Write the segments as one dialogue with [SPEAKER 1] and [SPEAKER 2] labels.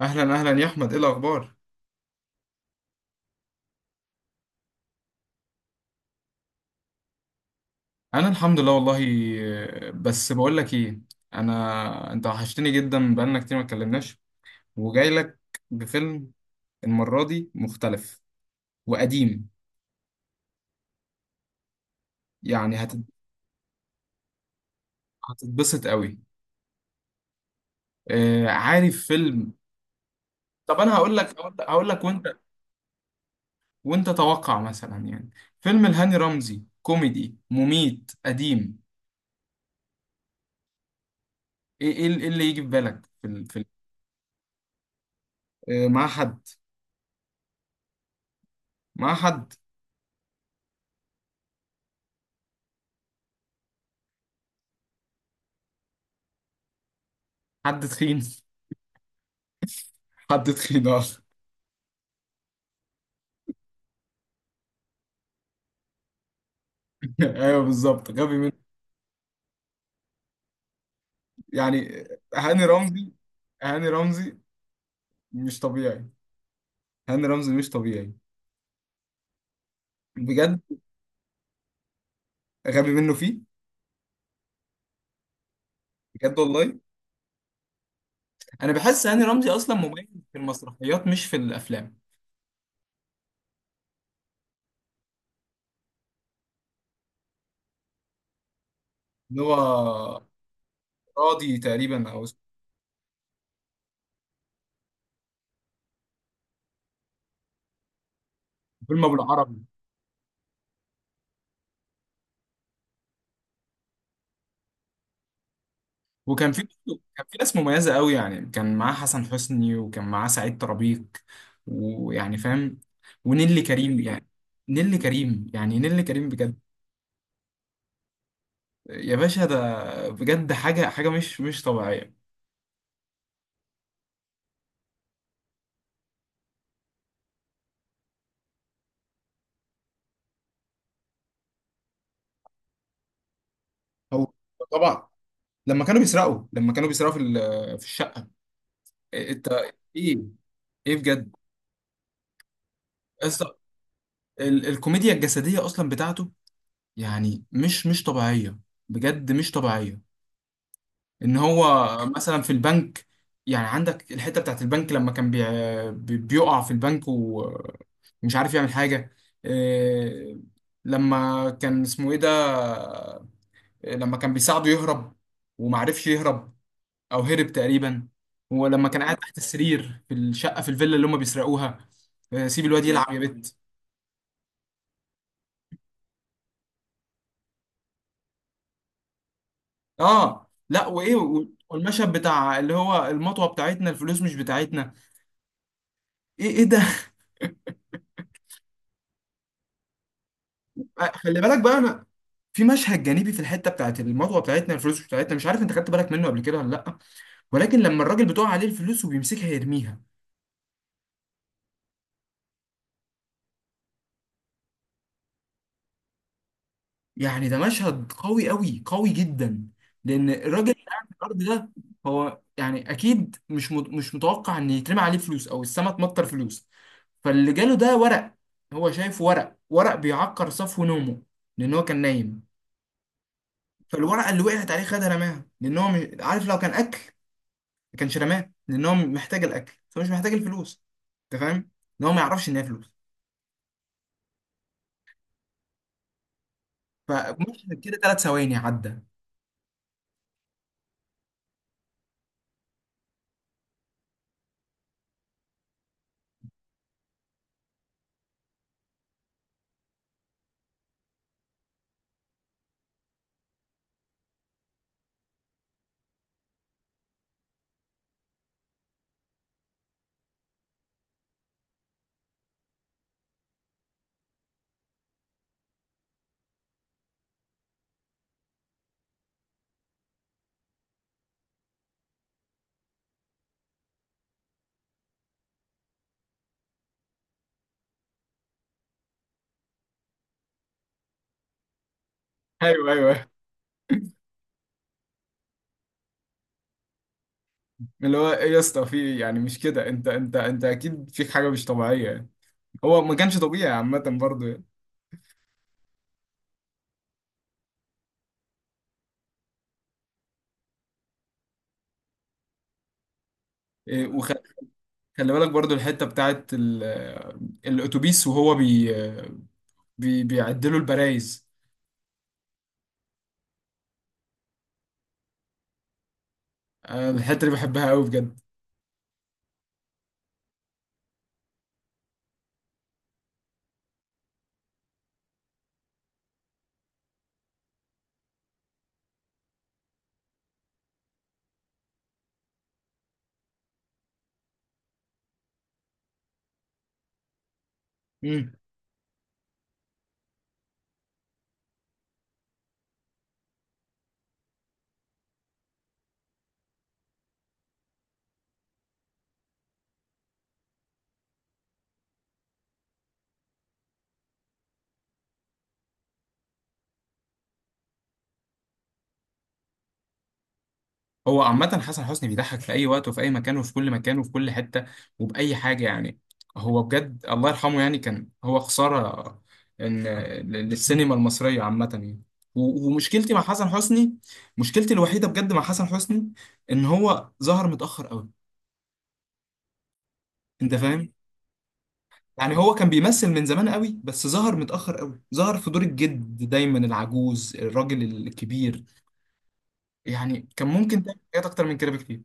[SPEAKER 1] اهلا يا احمد، ايه الاخبار؟ انا الحمد لله والله. بس بقول لك ايه، انا انت وحشتني جدا، بقالنا كتير ما اتكلمناش، وجاي لك بفيلم. المره دي مختلف وقديم. يعني هت- هتتبسط قوي. آه، عارف فيلم؟ طب انا هقول لك وانت، وانت توقع مثلا يعني، فيلم لهاني رمزي كوميدي مميت قديم. ايه اللي يجي في بالك في ال... آه، مع حد. مع حد، حد تخين. حد تخين، اه. ايوه بالظبط، غبي منه. يعني هاني رمزي، هاني رمزي مش طبيعي. هاني رمزي مش طبيعي بجد. غبي منه فيه بجد والله. انا بحس هاني رمزي اصلا مميز في المسرحيات مش في الافلام. اللي هو راضي تقريبا، او اسمه فيلم ابو العربي. وكان في كان في ناس مميزه قوي، يعني كان معاه حسن حسني، وكان معاه سعيد طرابيق، ويعني فاهم، ونيلي كريم. يعني نيلي كريم، يعني نيلي كريم بجد. يا باشا، ده بجد حاجة، حاجة مش طبيعية. هو طبعا لما كانوا بيسرقوا، لما كانوا بيسرقوا في الشقة. إيه، انت، ايه، ايه بجد. اصلا الكوميديا الجسدية اصلا بتاعته يعني مش طبيعية، بجد مش طبيعية. ان هو مثلا في البنك، يعني عندك الحتة بتاعت البنك لما كان بيقع في البنك ومش عارف يعمل حاجة. إيه، لما كان اسمه ايه ده، لما كان بيساعده يهرب ومعرفش يهرب، او هرب تقريبا، ولما كان قاعد بالظبط تحت السرير في الشقه، في الفيلا اللي هم بيسرقوها. آه، سيب الواد يا يلعب، يا لهوي بت. اه لا، وايه والمشهد بتاع اللي هو المطوه بتاعتنا الفلوس مش بتاعتنا. ايه ايه ده. آه، خلي بالك بقى، انا في مشهد جانبي في الحته بتاعت المطوه بتاعتنا الفلوس مش بتاعتنا، مش عارف انت خدت بالك منه قبل كده ولا لا، ولكن لما الراجل بتقع عليه الفلوس وبيمسكها يرميها. يعني ده مشهد قوي قوي قوي جدا، لان الراجل اللي قاعد في الارض ده هو يعني اكيد مش متوقع ان يترمي عليه فلوس او السما تمطر فلوس، فاللي جاله ده ورق. هو شايف ورق، ورق بيعكر صفو نومه لان هو كان نايم، فالورقه اللي وقعت عليه خدها رماها، لان هو عارف لو كان اكل ما كانش رماها، لان هو محتاج الاكل فمش محتاج الفلوس. انت فاهم؟ ان هو ما يعرفش ان هي فلوس. فمشهد كده 3 ثواني عدى. ايوه، اللي هو ايه يا اسطى في إيه؟ يعني مش كده، انت اكيد فيك حاجه مش طبيعيه يعني. هو ما كانش طبيعي عامه برضه يعني. إيه، وخلي بالك برضه الحته بتاعت الاتوبيس، وهو بي بي بيعدلوا البرايز. أنا الحته دي بحبها قوي بجد. هو عامة حسن حسني بيضحك في أي وقت وفي أي مكان وفي كل مكان وفي كل حتة وبأي حاجة يعني. هو بجد الله يرحمه، يعني كان هو خسارة إن، للسينما المصرية عامة يعني. ومشكلتي مع حسن حسني، مشكلتي الوحيدة بجد مع حسن حسني، إن هو ظهر متأخر أوي. أنت فاهم؟ يعني هو كان بيمثل من زمان أوي، بس ظهر متأخر أوي، ظهر في دور الجد دايما، العجوز، الراجل الكبير. يعني كان ممكن تعمل حاجات أكتر من كده بكتير.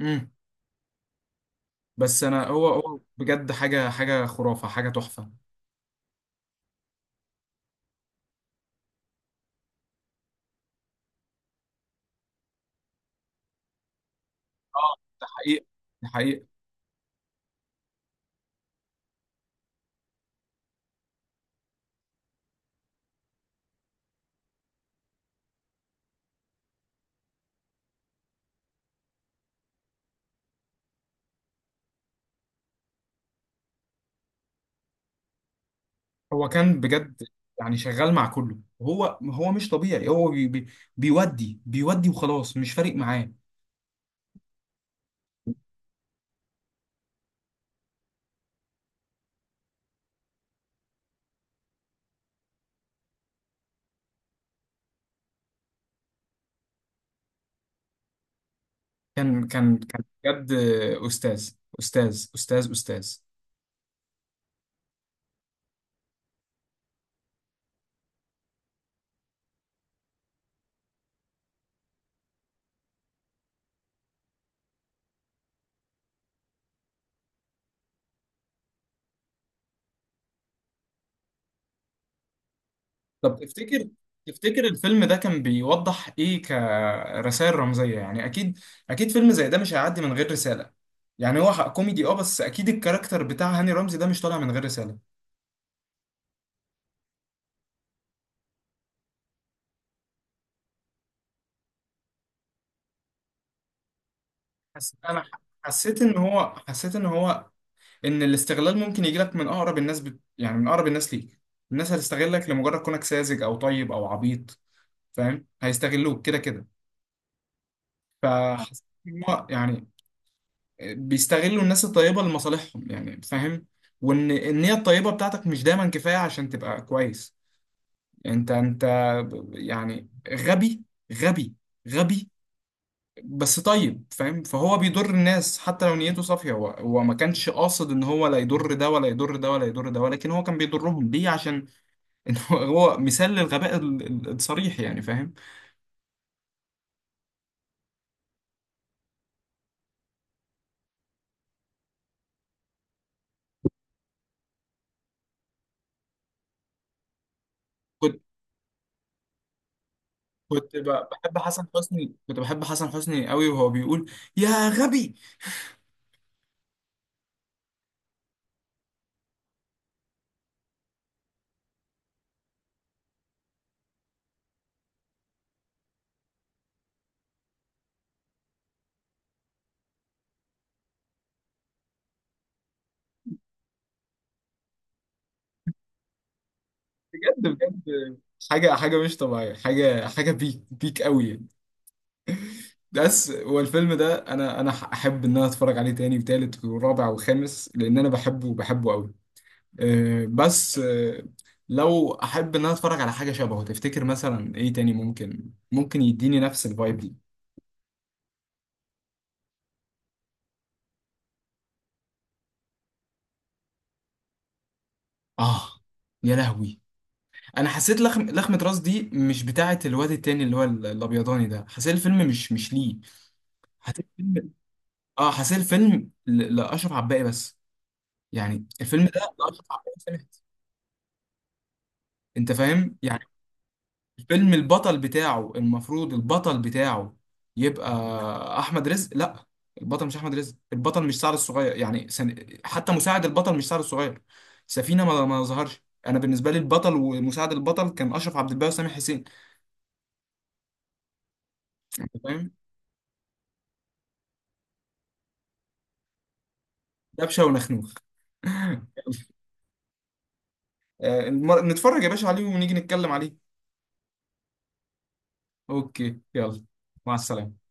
[SPEAKER 1] امم. بس انا، هو، هو بجد حاجه خرافه، حاجه تحفه. اه ده حقيقه، ده حقيقه. هو كان بجد، يعني شغال مع كله. هو مش طبيعي. هو بي بي بيودي وخلاص، مش فارق معاه. كان بجد استاذ، استاذ. طب تفتكر، تفتكر الفيلم ده كان بيوضح ايه كرسائل رمزيه؟ يعني اكيد، اكيد فيلم زي ده مش هيعدي من غير رساله. يعني هو حق كوميدي اه، بس اكيد الكاركتر بتاع هاني رمزي ده مش طالع من غير رساله. حس... انا ح- حسيت ان هو حسيت ان هو، ان الاستغلال ممكن يجي لك من اقرب الناس يعني من اقرب الناس ليك. الناس هتستغلك لمجرد كونك ساذج او طيب او عبيط، فاهم، هيستغلوك كده كده. فحسيت ان هو يعني بيستغلوا الناس الطيبة لمصالحهم يعني، فاهم. وان النية الطيبة بتاعتك مش دايما كفاية عشان تبقى كويس، يعني انت، يعني غبي، غبي غبي، بس طيب، فاهم. فهو بيضر الناس حتى لو نيته صافية، هو ما كانش قاصد ان هو لا يضر ده ولا يضر ده ولا يضر ده، ولكن هو كان بيضرهم. ليه؟ عشان ان هو، هو مثال للغباء الصريح يعني، فاهم. كنت بحب حسن حسني، كنت بحب حسن حسني قوي، وهو بيقول يا غبي. بجد بجد، حاجة حاجة مش طبيعية، حاجة حاجة بيك بيك قوي يعني. بس، والفيلم ده انا، انا احب ان انا اتفرج عليه تاني وتالت ورابع وخامس، لان انا بحبه، بحبه قوي. آه، بس آه، لو احب ان انا اتفرج على حاجه شبهه، تفتكر مثلا ايه تاني ممكن، ممكن يديني نفس الفايب دي؟ اه يا لهوي، انا حسيت لخمه راس دي مش بتاعه الواد التاني اللي هو الابيضاني ده. حسيت الفيلم مش، مش ليه. حسيت الفيلم، اه، حسيت الفيلم لاشرف عباقي بس، يعني الفيلم ده لاشرف عباقي بس. انت فاهم؟ الفيلم، البطل بتاعه، المفروض البطل بتاعه يبقى احمد رزق، لا. البطل مش احمد رزق، البطل مش سعد الصغير يعني حتى مساعد البطل مش سعد الصغير. سفينة ما، ما ظهرش. انا بالنسبة لي البطل ومساعد البطل كان اشرف عبد الباقي وسامح حسين. أنت فاهم، دبشة ونخنوخ. آه، نتفرج يا باشا عليه ونيجي نتكلم عليه. اوكي يلا، مع السلامة.